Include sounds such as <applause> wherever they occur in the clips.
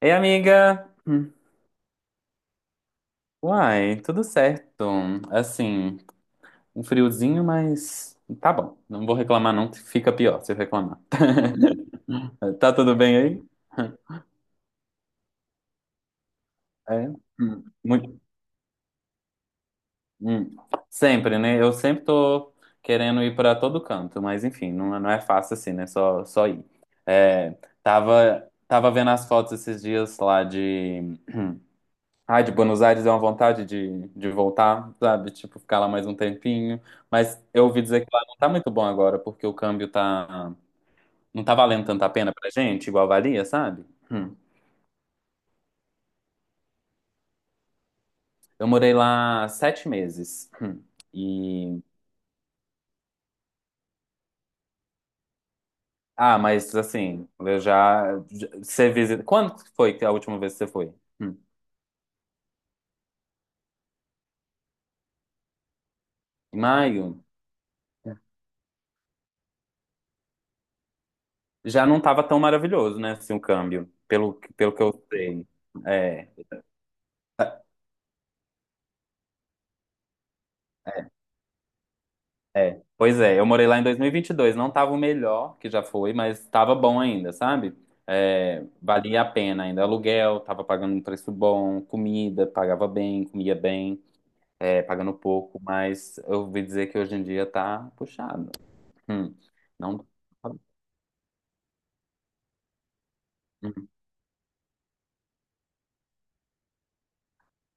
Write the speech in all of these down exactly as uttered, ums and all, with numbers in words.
Ei, amiga! Hum. Uai, tudo certo. Assim, um friozinho, mas tá bom. Não vou reclamar, não. Fica pior se eu reclamar. <laughs> Tá tudo bem aí? É. Hum. Muito. Hum. Sempre, né? Eu sempre tô querendo ir pra todo canto, mas enfim, não, não é fácil assim, né? Só, só ir. É, tava, tava vendo as fotos esses dias lá de. Ai, de Buenos Aires é uma vontade de, de voltar, sabe? Tipo, ficar lá mais um tempinho. Mas eu ouvi dizer que lá não tá muito bom agora, porque o câmbio tá. Não tá valendo tanta pena pra gente, igual valia, sabe? Hum. Eu morei lá sete meses. Hum. E. Ah, mas assim, eu já. já- Você visita. Quando foi que a última vez que você foi? Hum. Em maio? Já não tava tão maravilhoso, né? Assim, o câmbio, pelo, pelo que eu sei. É. É, pois é, eu morei lá em dois mil e e vinte e dois. Não tava o melhor que já foi, mas tava bom ainda, sabe? É, valia a pena ainda, aluguel, tava pagando um preço bom, comida, pagava bem, comia bem, é, pagando pouco, mas eu ouvi dizer que hoje em dia tá puxado. Hum, não... Hum.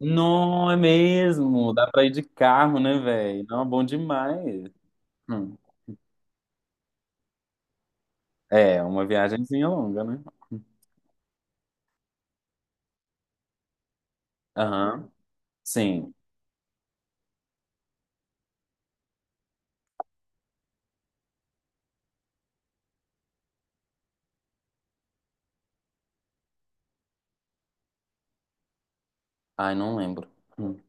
Não, é mesmo, dá pra ir de carro, né, velho? Não, é bom demais. Hum. É, uma viagenzinha longa, né? Aham, sim. Ai, não lembro. Hum.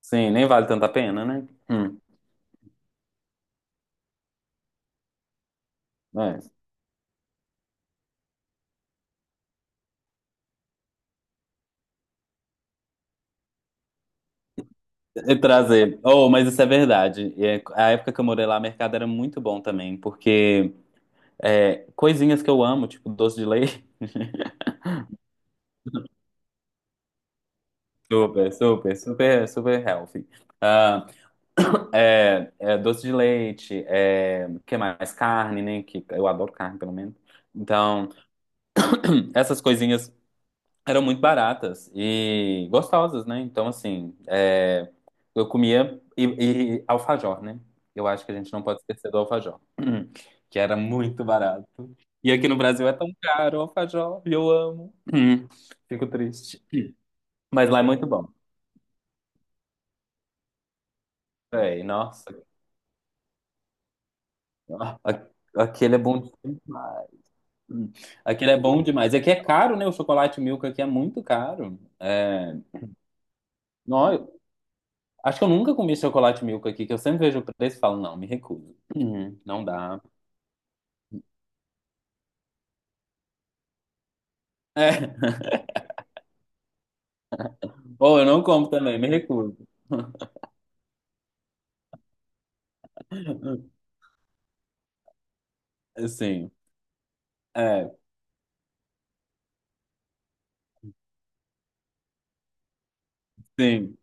Sim, nem vale tanta pena, né? Hum, é. E trazer. Oh, mas isso é verdade. E é- a época que eu morei lá, o mercado era muito bom também, porque é, coisinhas que eu amo, tipo doce de leite. <laughs> Super, super, super, super healthy. Ah, <coughs> é, é, doce de leite, é, que mais? Carne, né? Que eu adoro carne, pelo menos. Então, <coughs> essas coisinhas eram muito baratas e gostosas, né? Então, assim, é, eu comia e, e alfajor, né? Eu acho que a gente não pode esquecer do alfajor, <clears throat> que era muito barato. E aqui no Brasil é tão caro o alfajor, e eu amo. <clears throat> Fico triste. Mas lá é muito bom. É, nossa, a- aquele é bom demais. Hum. Aquele é bom demais. Aqui é caro, né? O chocolate Milka aqui é muito caro. É... Nó, acho que eu nunca comi chocolate milk aqui, que eu sempre vejo o preço e falo, não, me recuso. Uhum, não dá. É. <laughs> Ou eu não como também, me recuso. <laughs> Sim. É, sim.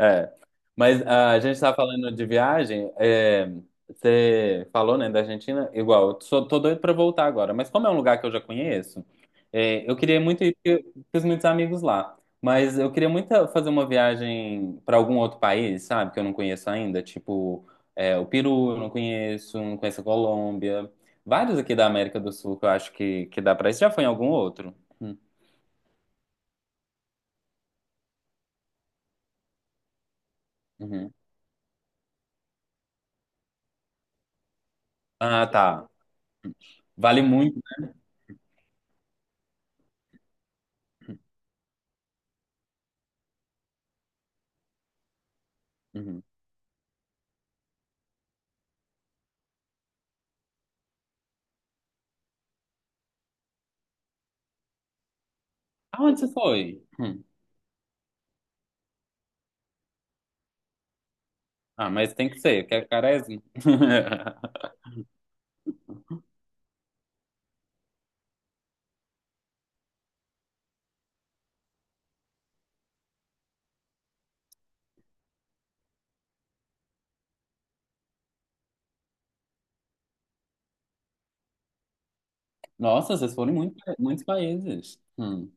É. Mas ah, a gente está falando de viagem. É, você falou, né, da Argentina? Igual, eu sou, tô doido para voltar agora. Mas como é um lugar que eu já conheço, é, eu queria muito ir porque eu fiz muitos amigos lá. Mas eu queria muito fazer uma viagem para algum outro país, sabe? Que eu não conheço ainda. Tipo, é, o Peru eu não conheço, não conheço a Colômbia. Vários aqui da América do Sul que eu acho que, que dá para ir. Você já foi em algum outro? Hum, uhum. Ah, tá. Vale muito. Uhum. Aonde você foi? Hum. Ah, mas tem que ser, que é Quaresma. <laughs> Nossa, vocês foram em muito, muitos países. Hum,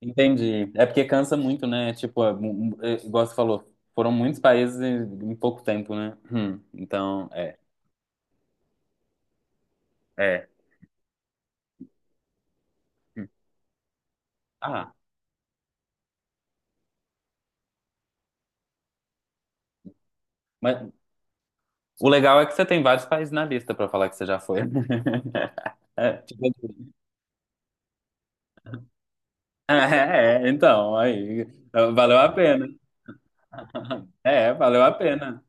entendi. É porque cansa muito, né? Tipo, é, mu- mu- é, igual você falou, foram muitos países em em pouco tempo, né? Hum, então, é, é. Hum. Ah, mas o legal é que você tem vários países na lista pra falar que você já foi. <laughs> É, tipo, é, <laughs> é, então, aí, valeu a pena. <laughs> É, valeu a pena.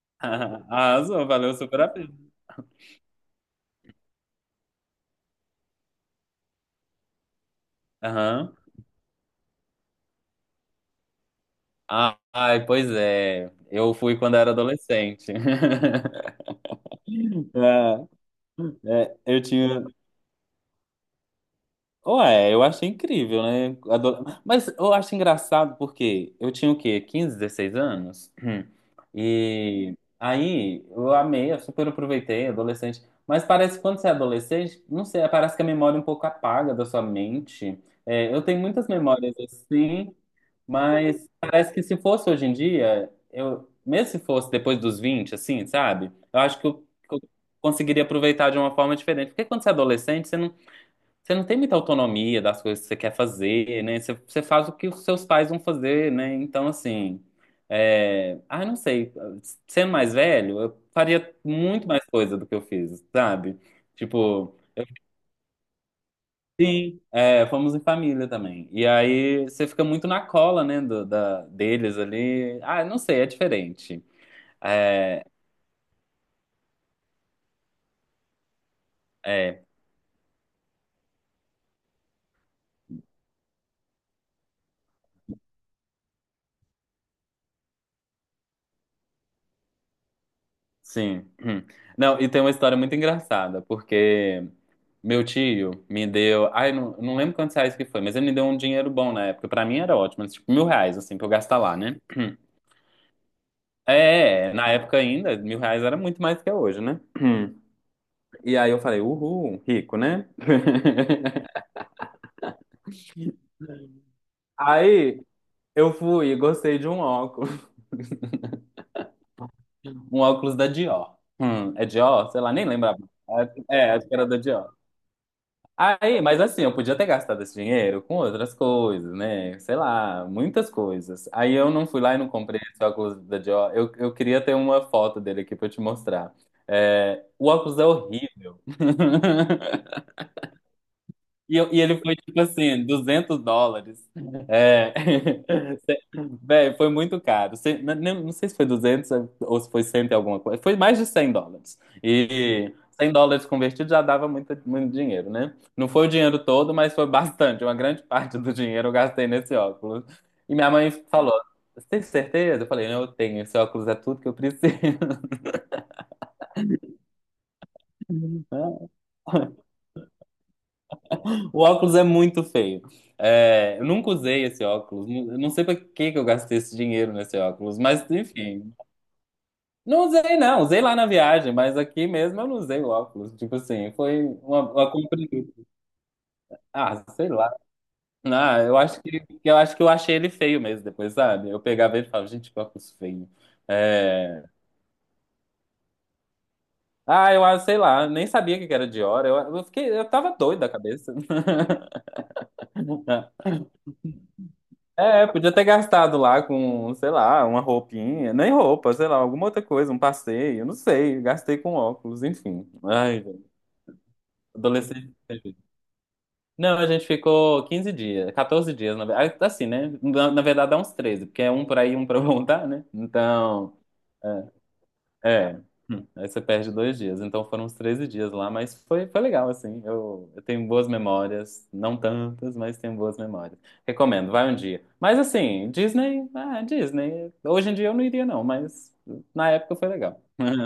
<laughs> Arrasou, valeu super a pena. Aham. Ah, ai, pois é. Eu fui quando era adolescente. <laughs> É, é, eu tinha. Ué, eu achei incrível, né? Ado- Mas eu acho engraçado porque eu tinha o quê? Quinze, dezesseis anos? Hum. E aí eu amei, eu super aproveitei, adolescente. Mas parece que quando você é adolescente, não sei, parece que a memória é um pouco apaga da sua mente. É, eu tenho muitas memórias assim. Mas parece que se fosse hoje em dia, eu, mesmo se fosse depois dos vinte assim, sabe? Eu acho que eu, que eu conseguiria aproveitar de uma forma diferente. Porque quando você é adolescente, você não, você não tem muita autonomia das coisas que você quer fazer, né? Você, você faz o que os seus pais vão fazer, né? Então, assim, é... ah, não sei. Sendo mais velho, eu faria muito mais coisa do que eu fiz, sabe? Tipo. Sim, é, fomos em família também. E aí você fica muito na cola, né, do- da, deles ali. Ah, não sei, é diferente. É, é, sim. Hum. Não, e tem uma história muito engraçada, porque meu tio me deu. Ai, não, não lembro quantos reais que foi, mas ele me deu um dinheiro bom na época. Pra mim era ótimo, tipo mil reais, assim, pra eu gastar lá, né? Hum. É, na época ainda, mil reais era muito mais que é hoje, né? Hum. E aí eu falei, uhul, rico, né? <laughs> Aí eu fui e gostei de um óculos. Um óculos da Dior. Hum, é Dior? Sei lá, nem lembrava. É, é, acho que era da Dior. Aí, mas assim, eu podia ter gastado esse dinheiro com outras coisas, né? Sei lá, muitas coisas. Aí eu não fui lá e não comprei esse óculos da Dior. Eu, eu queria ter uma foto dele aqui pra eu te mostrar. É, o óculos é horrível. <laughs> E, eu- e ele foi tipo assim, duzentos dólares. É. <laughs> Velho, foi muito caro. Cem- n- nem- Não, sei se foi duzentos ou se foi cem e alguma coisa. Foi mais de cem dólares. E cem dólares convertido já dava muito, muito dinheiro, né? Não foi o dinheiro todo, mas foi bastante. Uma grande <laughs> parte do dinheiro eu gastei nesse óculos. E minha mãe falou: Você tem certeza? Eu falei: Eu tenho, esse óculos é tudo que eu preciso. <laughs> O óculos é muito feio. É, eu nunca usei esse óculos. Não. Eu não sei pra que que eu gastei esse dinheiro nesse óculos, mas enfim. Não usei, não. Usei lá na viagem, mas aqui mesmo eu não usei o óculos. Tipo assim, foi uma, uma compra inútil. Ah, sei lá. Ah, eu acho que que eu acho que eu achei ele feio mesmo depois, sabe? Eu pegava ele e falava, gente, que óculos feio. É, ah, eu ah, sei lá, nem sabia que era Dior. Eu, eu fiquei, eu tava doido da cabeça. <laughs> É, podia ter gastado lá com, sei lá, uma roupinha, nem roupa, sei lá, alguma outra coisa, um passeio, não sei, gastei com óculos, enfim. Ai, gente, adolescente. Não, a gente ficou quinze dias, quatorze dias, na verdade é uns treze, porque um um pra ir um pra <laughs> voltar, né? Então, é. É, hum, aí você perde dois dias. Então foram uns treze dias lá, mas foi, foi legal, assim. Eu, eu tenho boas memórias, não tantas, mas tenho boas memórias. Recomendo, vai um dia. Mas assim, Disney, ah, Disney. Hoje em dia eu não iria, não, mas na época foi legal. <laughs>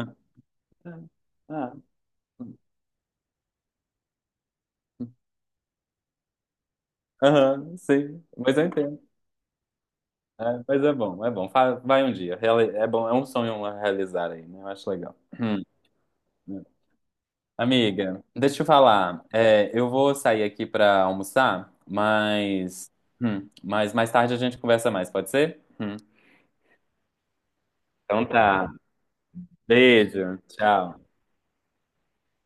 Ah, aham, sim, mas eu entendo. É, mas é bom, é bom. Fa- Vai um dia. Reali- É bom, é um sonho a realizar aí, né? Eu acho legal. <clears throat> Amiga, deixa eu falar. É, eu vou sair aqui pra almoçar, mas, hum, mas mais tarde a gente conversa mais, pode ser? Hum. Então tá. Beijo, tchau.